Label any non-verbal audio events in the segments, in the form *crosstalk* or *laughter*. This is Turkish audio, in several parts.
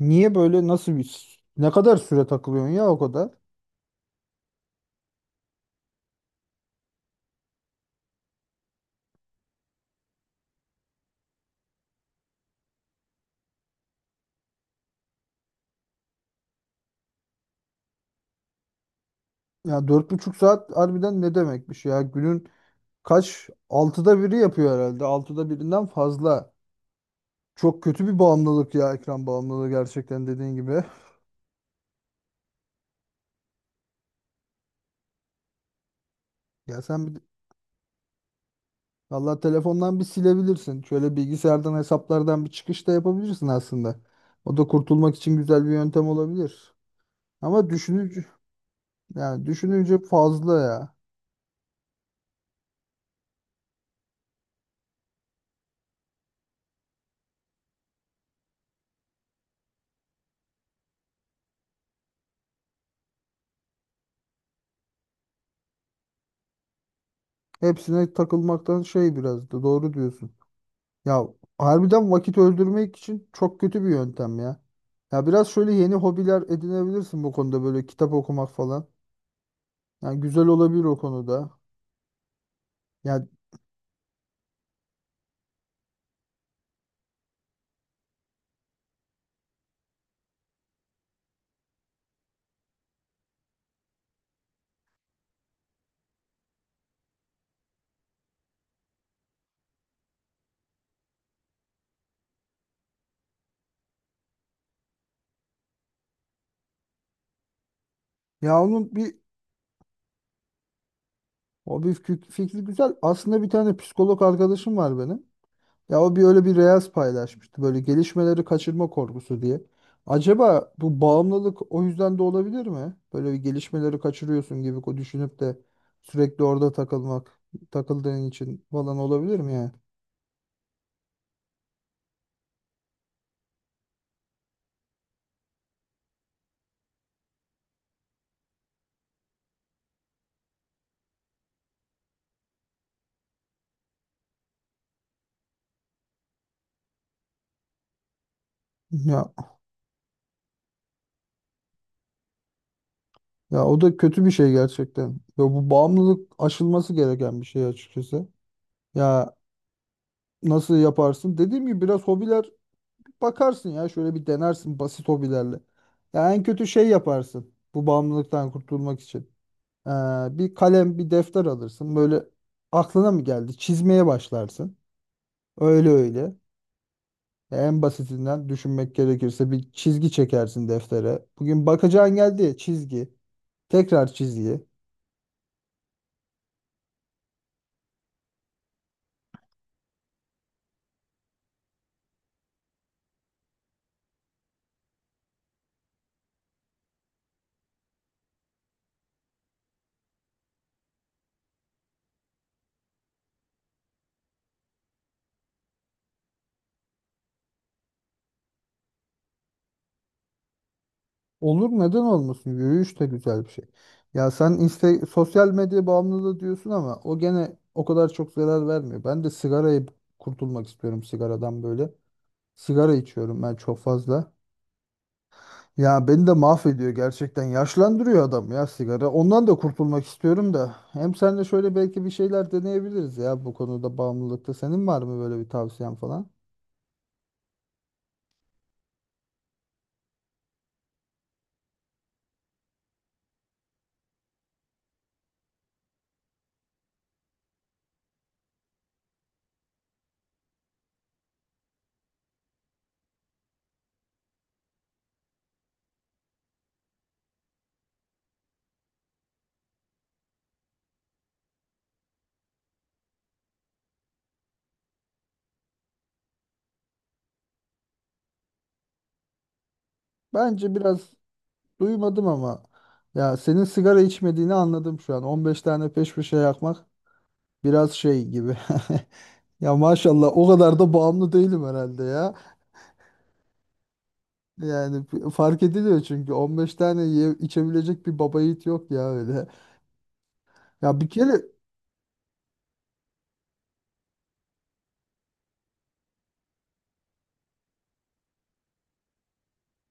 Niye böyle nasıl bir ne kadar süre takılıyorsun ya o kadar? Ya dört buçuk saat harbiden ne demekmiş ya? Günün kaç? Altıda biri yapıyor herhalde. Altıda birinden fazla. Çok kötü bir bağımlılık ya, ekran bağımlılığı gerçekten dediğin gibi. Ya sen bir, valla telefondan bir silebilirsin. Şöyle bilgisayardan hesaplardan bir çıkış da yapabilirsin aslında. O da kurtulmak için güzel bir yöntem olabilir. Ama düşününce yani düşününce fazla ya. Hepsine takılmaktan şey, biraz da doğru diyorsun. Ya harbiden vakit öldürmek için çok kötü bir yöntem ya. Ya biraz şöyle yeni hobiler edinebilirsin bu konuda, böyle kitap okumak falan. Yani güzel olabilir o konuda. Ya ya onun bir hobi fikri güzel. Aslında bir tane psikolog arkadaşım var benim. Ya o bir öyle bir reels paylaşmıştı, böyle gelişmeleri kaçırma korkusu diye. Acaba bu bağımlılık o yüzden de olabilir mi? Böyle bir gelişmeleri kaçırıyorsun gibi düşünüp de sürekli orada takılmak, takıldığın için falan olabilir mi yani? Ya Ya o da kötü bir şey gerçekten. Ya bu bağımlılık aşılması gereken bir şey açıkçası. Ya nasıl yaparsın? Dediğim gibi biraz hobiler bakarsın ya, şöyle bir denersin basit hobilerle. Ya en kötü şey yaparsın bu bağımlılıktan kurtulmak için. Ee, Bir kalem, bir defter alırsın. Böyle aklına mı geldi? Çizmeye başlarsın. Öyle öyle. Ya en basitinden düşünmek gerekirse bir çizgi çekersin deftere. Bugün bakacağın geldi ya, çizgi. Tekrar çizgi. Olur, neden olmasın? Yürüyüş de güzel bir şey. Ya sen işte sosyal medya bağımlılığı diyorsun ama o gene o kadar çok zarar vermiyor. Ben de sigarayı kurtulmak istiyorum sigaradan böyle. Sigara içiyorum ben çok fazla. Ya beni de mahvediyor gerçekten. Yaşlandırıyor adam ya sigara. Ondan da kurtulmak istiyorum da. Hem sen de şöyle belki bir şeyler deneyebiliriz ya bu konuda, bağımlılıkta. Senin var mı böyle bir tavsiyen falan? Bence biraz duymadım ama ya senin sigara içmediğini anladım şu an. 15 tane peş peşe yakmak biraz şey gibi. *laughs* Ya maşallah o kadar da bağımlı değilim herhalde ya. Yani fark ediliyor çünkü 15 tane içebilecek bir baba yiğit yok ya öyle. Ya bir kere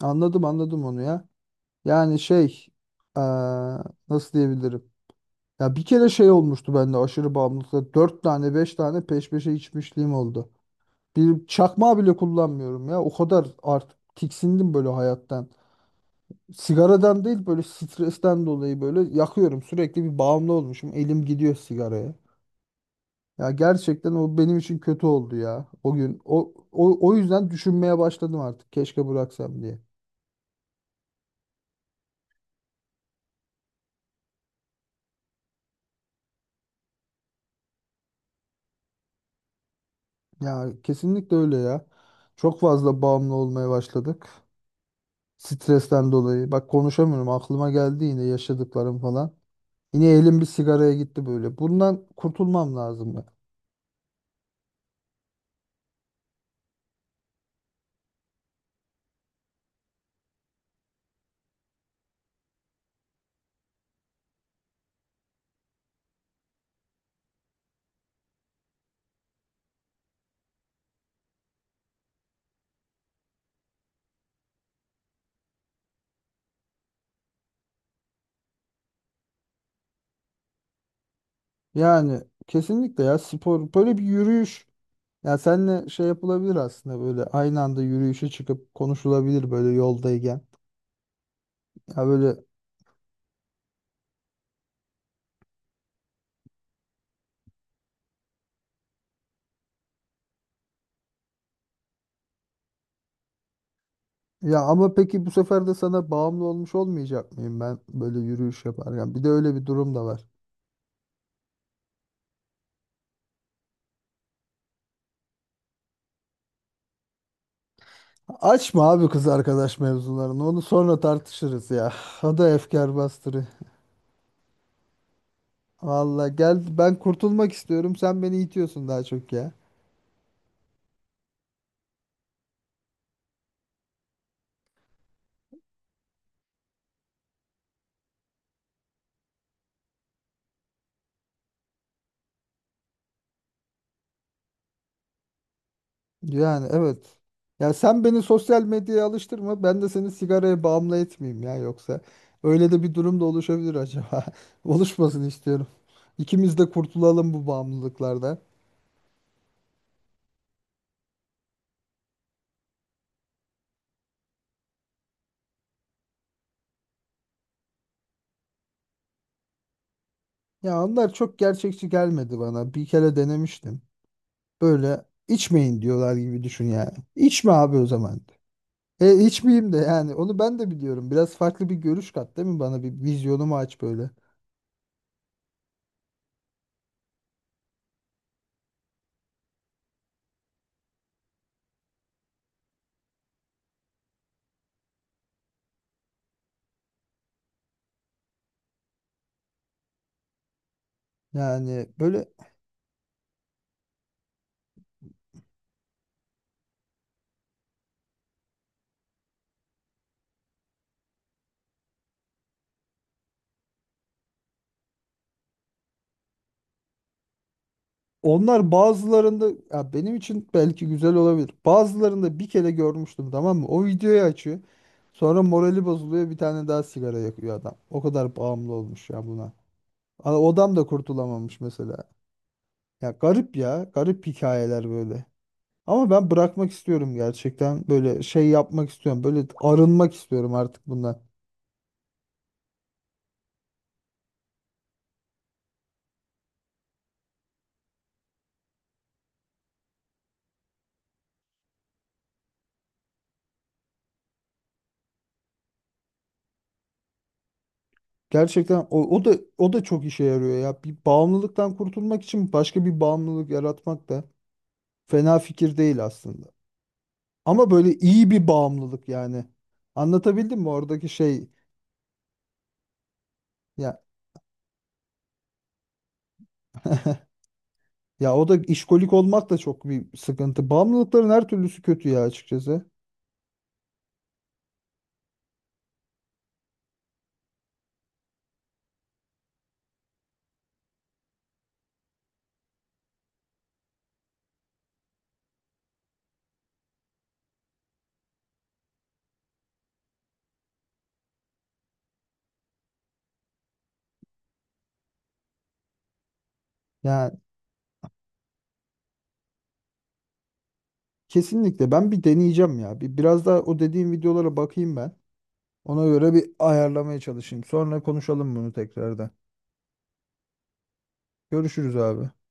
anladım onu ya. Yani şey, eee, nasıl diyebilirim? Ya bir kere şey olmuştu bende aşırı bağımlılıkla. Dört tane, 5 tane peş peşe içmişliğim oldu. Bir çakmağı bile kullanmıyorum ya. O kadar artık tiksindim böyle hayattan. Sigaradan değil, böyle stresten dolayı böyle yakıyorum. Sürekli bir bağımlı olmuşum. Elim gidiyor sigaraya. Ya gerçekten o benim için kötü oldu ya. O gün o yüzden düşünmeye başladım artık. Keşke bıraksam diye. Ya kesinlikle öyle ya. Çok fazla bağımlı olmaya başladık. Stresten dolayı. Bak konuşamıyorum. Aklıma geldi yine yaşadıklarım falan. Yine elim bir sigaraya gitti böyle. Bundan kurtulmam lazım ya. Yani kesinlikle ya, spor, böyle bir yürüyüş. Ya senle şey yapılabilir aslında, böyle aynı anda yürüyüşe çıkıp konuşulabilir böyle yoldayken. Ya böyle ya, ama peki bu sefer de sana bağımlı olmuş olmayacak mıyım ben böyle yürüyüş yaparken? Bir de öyle bir durum da var. Açma abi kız arkadaş mevzularını. Onu sonra tartışırız ya. *laughs* O da efkar bastırı. Valla gel, ben kurtulmak istiyorum. Sen beni itiyorsun daha çok ya. Yani evet. Ya sen beni sosyal medyaya alıştırma. Ben de seni sigaraya bağımlı etmeyeyim ya yoksa. Öyle de bir durum da oluşabilir acaba. *laughs* Oluşmasını istiyorum. İkimiz de kurtulalım bu bağımlılıklardan. Ya onlar çok gerçekçi gelmedi bana. Bir kere denemiştim. Böyle içmeyin diyorlar gibi düşün yani. İçme abi o zaman. E içmeyeyim de yani onu ben de biliyorum. Biraz farklı bir görüş kat değil mi bana? Bir vizyonumu aç böyle. Yani böyle, onlar bazılarında ya benim için belki güzel olabilir. Bazılarında bir kere görmüştüm, tamam mı? O videoyu açıyor. Sonra morali bozuluyor, bir tane daha sigara yakıyor adam. O kadar bağımlı olmuş ya buna. O adam da kurtulamamış mesela. Ya garip ya. Garip hikayeler böyle. Ama ben bırakmak istiyorum gerçekten. Böyle şey yapmak istiyorum. Böyle arınmak istiyorum artık bundan. Gerçekten o da çok işe yarıyor ya. Bir bağımlılıktan kurtulmak için başka bir bağımlılık yaratmak da fena fikir değil aslında. Ama böyle iyi bir bağımlılık yani. Anlatabildim mi oradaki şey? Ya ya o da işkolik olmak da çok bir sıkıntı. Bağımlılıkların her türlüsü kötü ya açıkçası. Yani kesinlikle ben bir deneyeceğim ya. Biraz daha o dediğim videolara bakayım ben. Ona göre bir ayarlamaya çalışayım. Sonra konuşalım bunu tekrardan. Görüşürüz abi.